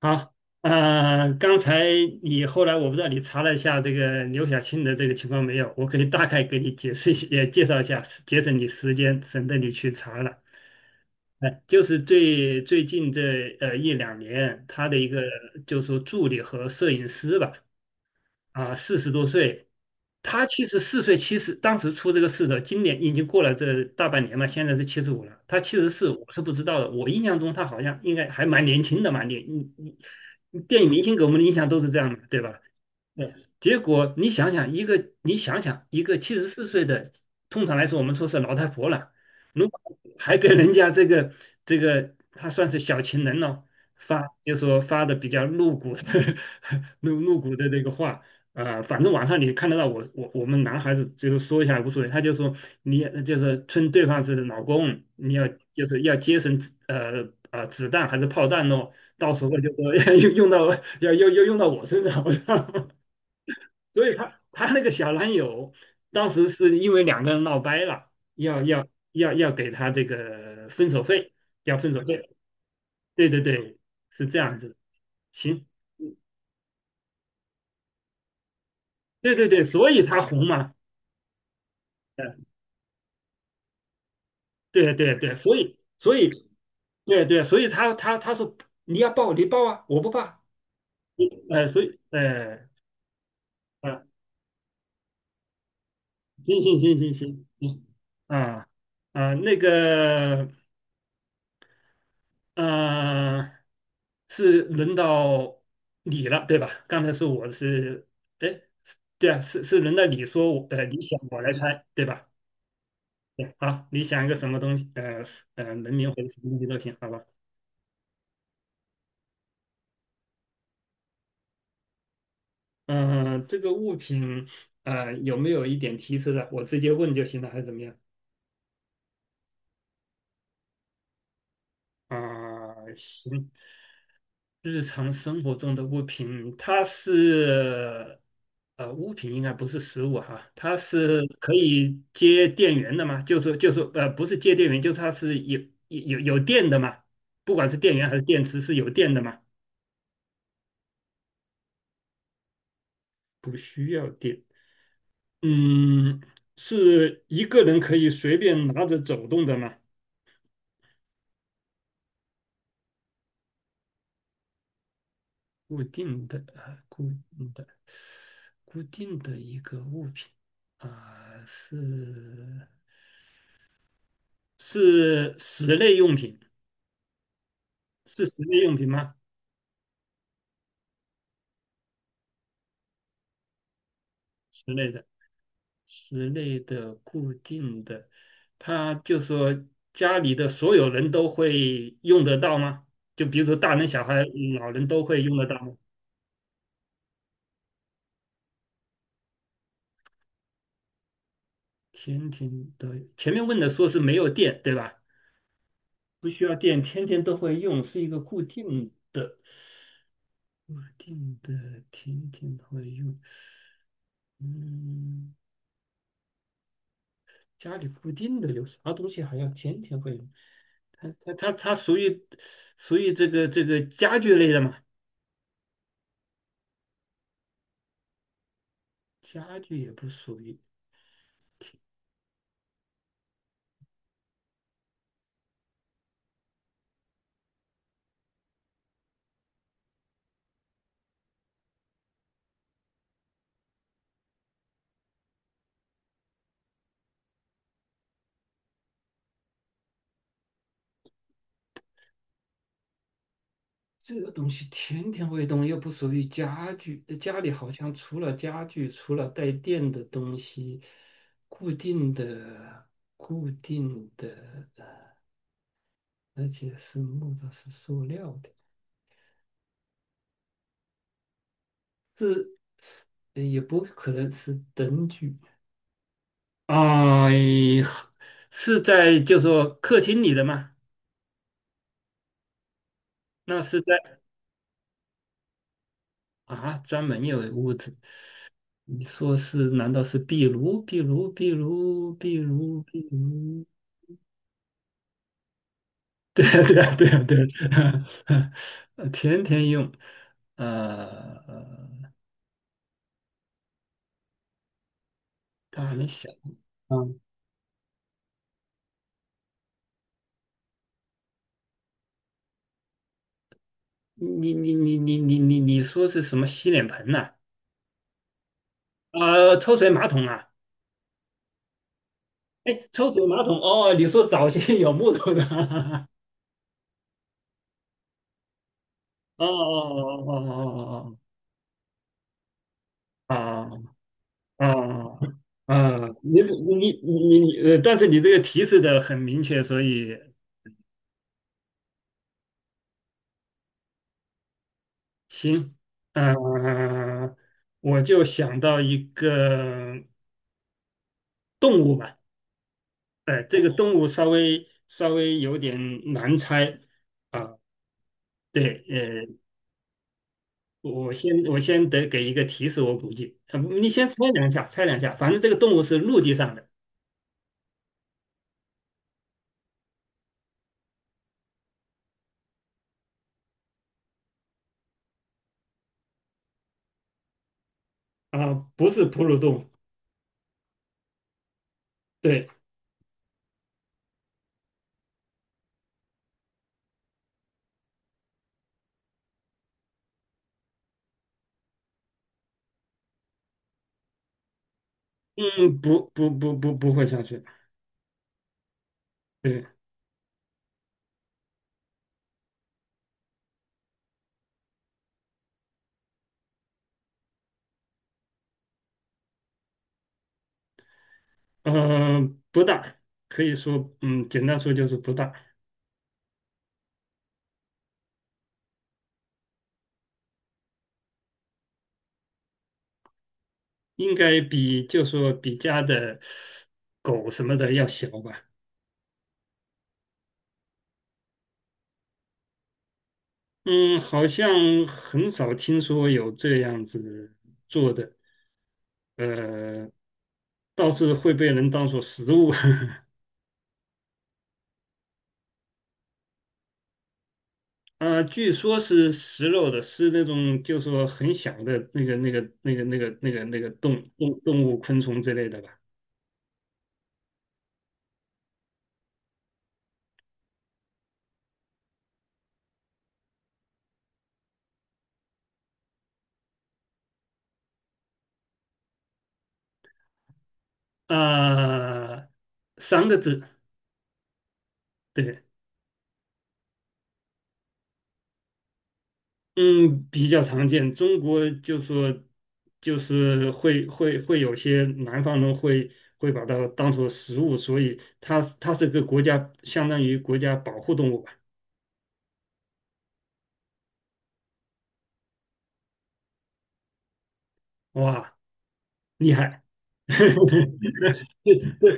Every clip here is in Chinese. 好，刚才你后来我不知道你查了一下这个刘晓庆的这个情况没有，我可以大概给你解释一下，也介绍一下，节省你时间，省得你去查了。哎，就是最近这一两年，他的一个就是说助理和摄影师吧，啊，40多岁，他七十四岁，七十当时出这个事的，今年已经过了这大半年嘛，现在是75了。他七十四，我是不知道的。我印象中他好像应该还蛮年轻的嘛，你，电影明星给我们的印象都是这样的，对吧？对，结果你想想一个，你想想一个七十四岁的，通常来说我们说是老太婆了，如果 还给人家这个，她算是小情人了，发就说发的比较露骨的 骨的这个话。啊，反正网上你看得到我们男孩子就是说一下无所谓，他就说你就是称对方是老公，你要就是要节省呃呃啊子弹还是炮弹咯，到时候就说 用用到要用到我身上，我操！所以他那个小男友，当时是因为两个人闹掰了，给他这个分手费，要分手费。对对对，是这样子的。行，对对对，所以他红嘛。嗯，对对对，所以对对，所以他他说你要报你报啊，我不报，所以呃，行行行行行行，啊啊，那个。嗯，是轮到你了，对吧？刚才是我是，哎，对啊，是轮到你说我，你想我来猜，对吧？对，好，你想一个什么东西，人名或者什么东西都行，好吧？嗯、这个物品，有没有一点提示的？我直接问就行了，还是怎么样？啊、行，日常生活中的物品，它是物品应该不是食物哈，它是可以接电源的嘛？就是不是接电源，就是它是有有电的嘛？不管是电源还是电池是有电的嘛？不需要电。嗯，是一个人可以随便拿着走动的吗？固定的啊，固定的，固定的一个物品啊，是。是室内用品，是室内用品吗？室内的，室内的固定的，它就说家里的所有人都会用得到吗？就比如说大人、小孩、老人都会用得到吗？天天都，前面问的说是没有电，对吧？不需要电，天天都会用，是一个固定的，固定的，天天会用。嗯，家里固定的有啥东西还要天天会用？它属于这个家具类的嘛？家具也不属于，这个东西天天会动，又不属于家具。家里好像除了家具，除了带电的东西，固定的固定的，而且是木头是塑料的，是也不可能是灯具啊、是在就说客厅里的吗？那是在啊专门有屋子。你说是？难道是壁炉？壁炉？壁炉？壁炉？壁炉？对啊，对啊，对啊，对啊，天天用，呃，他还没想啊。你说是什么洗脸盆呐、抽水马桶啊？哎，抽水马桶哦，你说早些有木头的？哦哦哦哦哦哦哦哦哦！啊，你，但是你这个提示的很明确，所以行，呃，我就想到一个动物吧。这个动物稍微有点难猜啊，对，我先得给一个提示，我估计，你先猜两下，猜两下，反正这个动物是陆地上的啊，不是哺乳动物，对，嗯，不会下去，对，嗯，不大，可以说，嗯，简单说就是不大，应该比就说比家的狗什么的要小吧。嗯，好像很少听说有这样子做的，呃，倒是会被人当做食物。啊、据说是食肉的，是那种就说很小的那个动物、昆虫之类的吧。啊、三个字，对，嗯，比较常见。中国就说，就是会有些南方人会把它当做食物，所以它是个国家，相当于国家保护动物吧。哇，厉害！对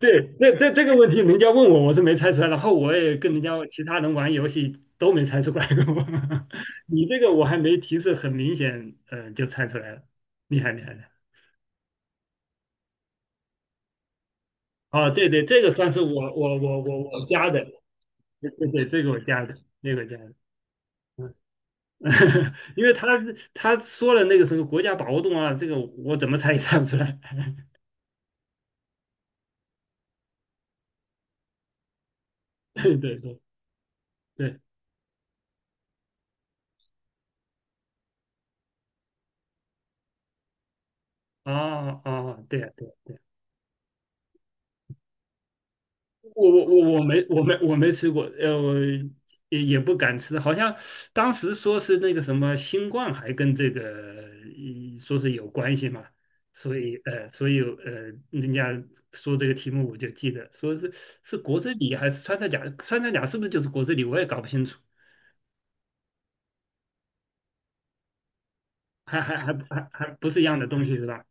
对，这个问题，人家问我，我是没猜出来。然后我也跟人家其他人玩游戏都没猜出来过。你这个我还没提示，很明显，嗯、就猜出来了，厉害厉害的。啊，对对，这个算是我加的，对对对，这个我加的，这个我加的，嗯，因为他说了那个什么国家保护动物啊，这个我怎么猜也猜不出来。对对对对，啊，对呀对呀我没吃过，我也不敢吃，好像当时说是那个什么新冠还跟这个说是有关系嘛，所以所以人家说这个题目我就记得，说是是国之礼还是穿山甲，穿山甲是不是就是国之礼，我也搞不清楚。还不是一样的东西是吧？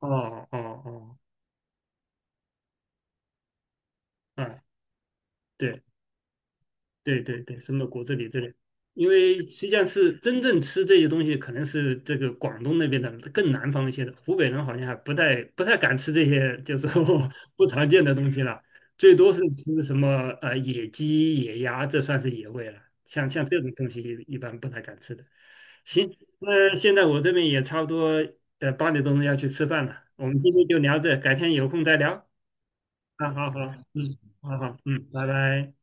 哦哦哦，嗯，对对对对，什么果子狸这里，因为实际上是真正吃这些东西，可能是这个广东那边的更南方一些的，湖北人好像还不太敢吃这些，就是说 不常见的东西了，最多是吃什么野鸡、野鸭，这算是野味了。像这种东西一般不太敢吃的。行，那现在我这边也差不多8点钟要去吃饭了，我们今天就聊这，改天有空再聊。啊，好好，嗯，好好，嗯，拜拜。